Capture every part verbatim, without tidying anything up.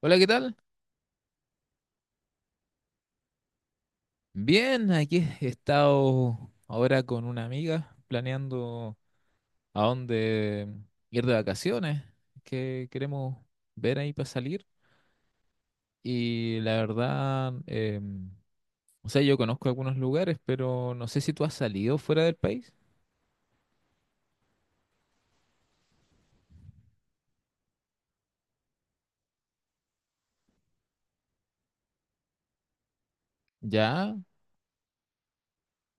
Hola, ¿qué tal? Bien, aquí he estado ahora con una amiga planeando a dónde ir de vacaciones, que queremos ver ahí para salir. Y la verdad, em, o sea, yo conozco algunos lugares, pero no sé si tú has salido fuera del país. Ya,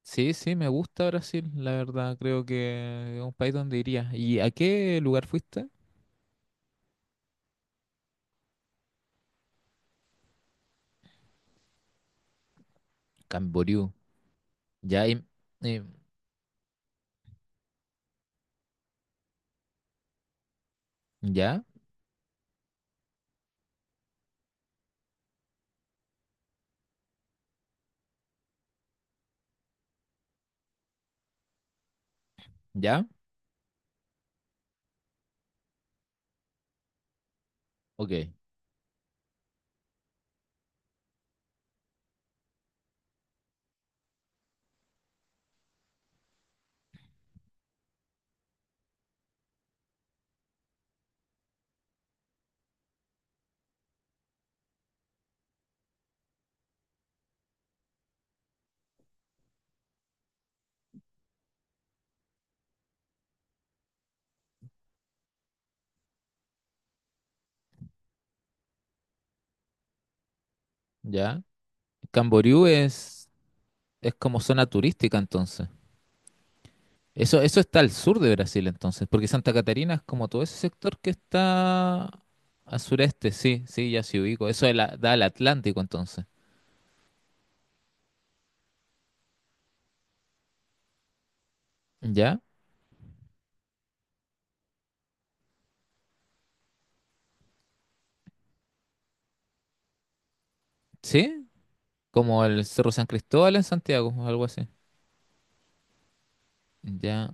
sí, sí, me gusta Brasil, la verdad, creo que es un país donde iría. ¿Y a qué lugar fuiste? Camboriú. Ya, y- y- ya, ya, ok, ya. Camboriú es, es como zona turística entonces. Eso, eso está al sur de Brasil entonces, porque Santa Catarina es como todo ese sector que está al sureste, sí, sí, ya sí ubico. Eso es la- da al Atlántico entonces. ¿Ya? ¿Sí? Como el Cerro San Cristóbal en Santiago, o algo así. Ya,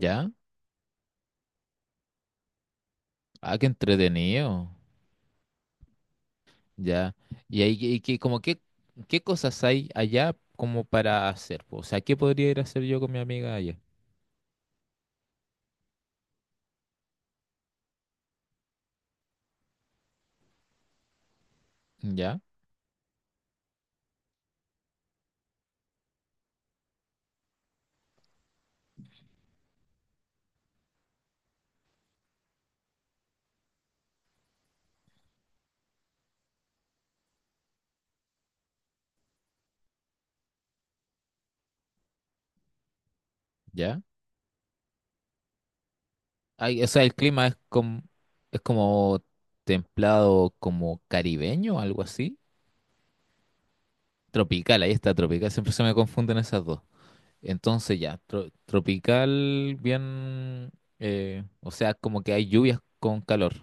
ya. Ah, qué entretenido. Ya. Y ahí, y que, como qué, ¿qué cosas hay allá como para hacer, po? O sea, ¿qué podría ir a hacer yo con mi amiga allá? Ya, ya. Ay, o sea, el clima es como, es como, templado, como caribeño, algo así. Tropical, ahí está, tropical. Siempre se me confunden esas dos. Entonces ya, tro- tropical, bien, eh, o sea, como que hay lluvias con calor,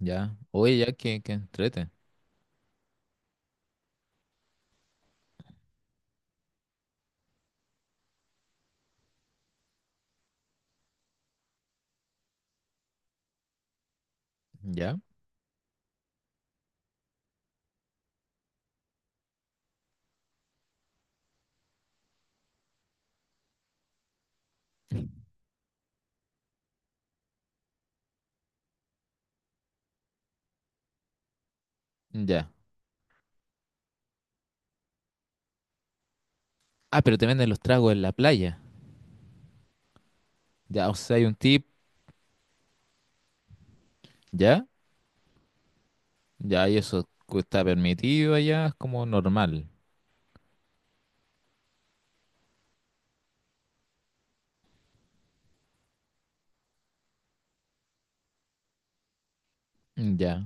¿ya? Oye, ya que, que entrete, ¿ya? Ya. Ah, pero te venden los tragos en la playa, ¿ya? O sea, hay un tip, ¿ya? Ya, y eso cu- está permitido allá, es como normal, ¿ya?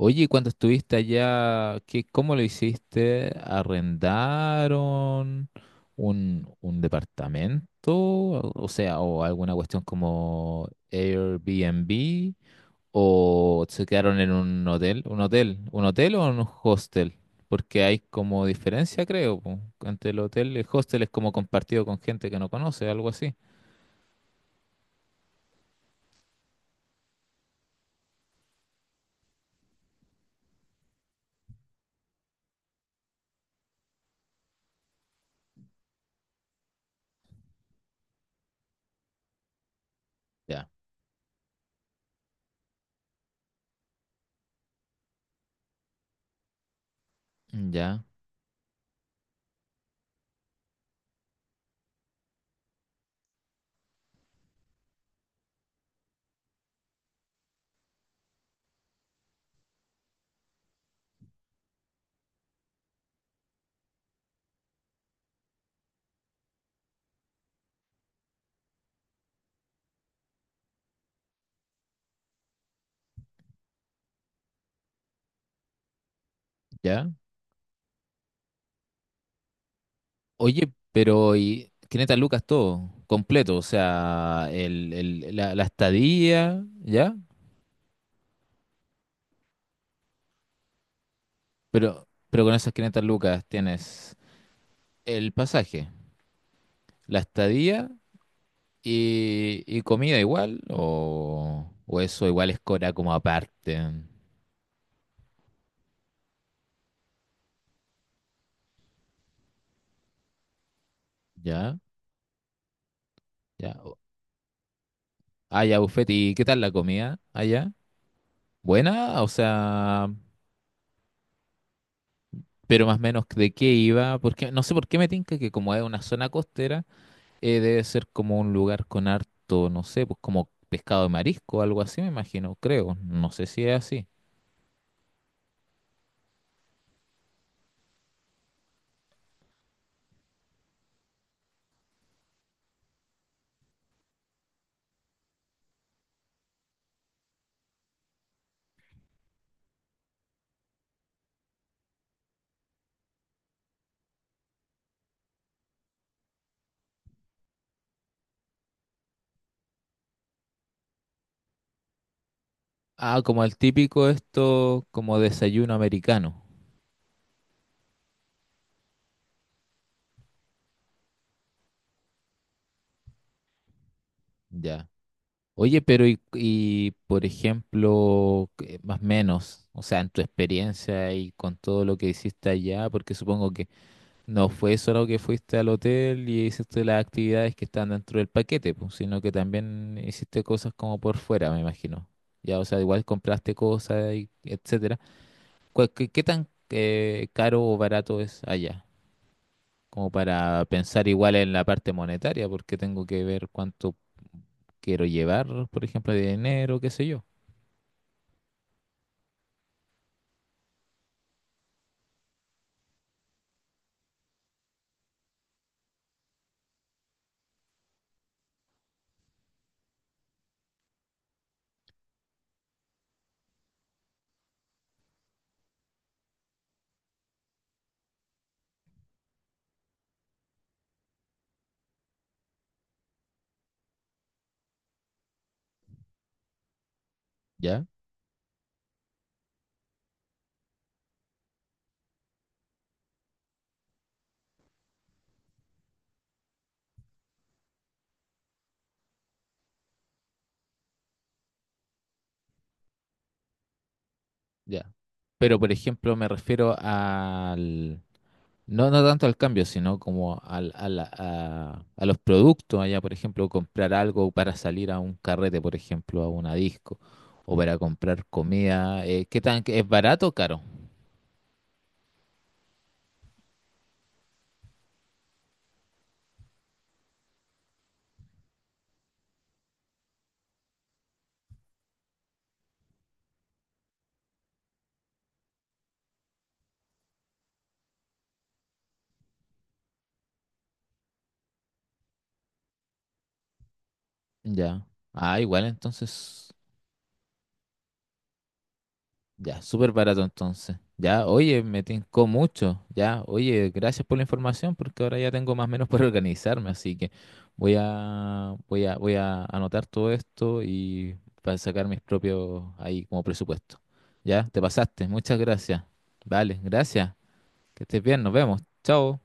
Oye, ¿y cuando estuviste allá? ¿Qué, cómo lo hiciste? ¿Arrendaron un, un departamento? O sea, o alguna cuestión como Airbnb, o se quedaron en un hotel, un hotel, un hotel o en un hostel, porque hay como diferencia, creo, po, entre el hotel y el hostel es como compartido con gente que no conoce, algo así. Ya, ya, ya. Oye, pero y quinientas lucas todo, completo, o sea, el, el- la, la estadía, ¿ya? Pero, pero con esas quinientas lucas tienes el pasaje, la estadía y, y comida igual, o, o eso igual es cora como aparte, ¿ya? Ya. o- Ah, ya, buffet, ¿y qué tal la comida allá? ¿Buena? O sea, pero más o menos de qué iba, porque no sé por qué me tinca que como es una zona costera. Eh, debe ser como un lugar con harto, no sé, pues como pescado de marisco, algo así, me imagino, creo. No sé si es así. Ah, como el típico esto, como desayuno americano. Ya. Oye, pero y, y, por ejemplo, que- más o menos, o sea, en tu experiencia y con todo lo que hiciste allá, porque supongo que no fue solo que fuiste al hotel y hiciste las actividades que están dentro del paquete, pues, sino que también hiciste cosas como por fuera, me imagino. Ya, o sea, igual compraste cosas y etcétera. ¿Cuál- ¿Qué, qué tan eh, caro o barato es allá? Como para pensar igual en la parte monetaria, porque tengo que ver cuánto quiero llevar, por ejemplo, de dinero, qué sé yo. ¿Ya? Ya. Pero, por ejemplo, me refiero al, no, no tanto al cambio, sino como al, a, la- a, a los productos allá, por ejemplo, comprar algo para salir a un carrete, por ejemplo, a una disco, o para comprar comida. eh, ¿qué tan es barato o caro? Ya. Ah, igual entonces. Ya, súper barato entonces. Ya, oye, me tincó mucho. Ya, oye, gracias por la información porque ahora ya tengo más o menos para organizarme, así que voy a voy a voy a anotar todo esto y para sacar mis propios ahí como presupuesto. Ya, te pasaste. Muchas gracias. Vale, gracias. Que estés bien, nos vemos. Chao.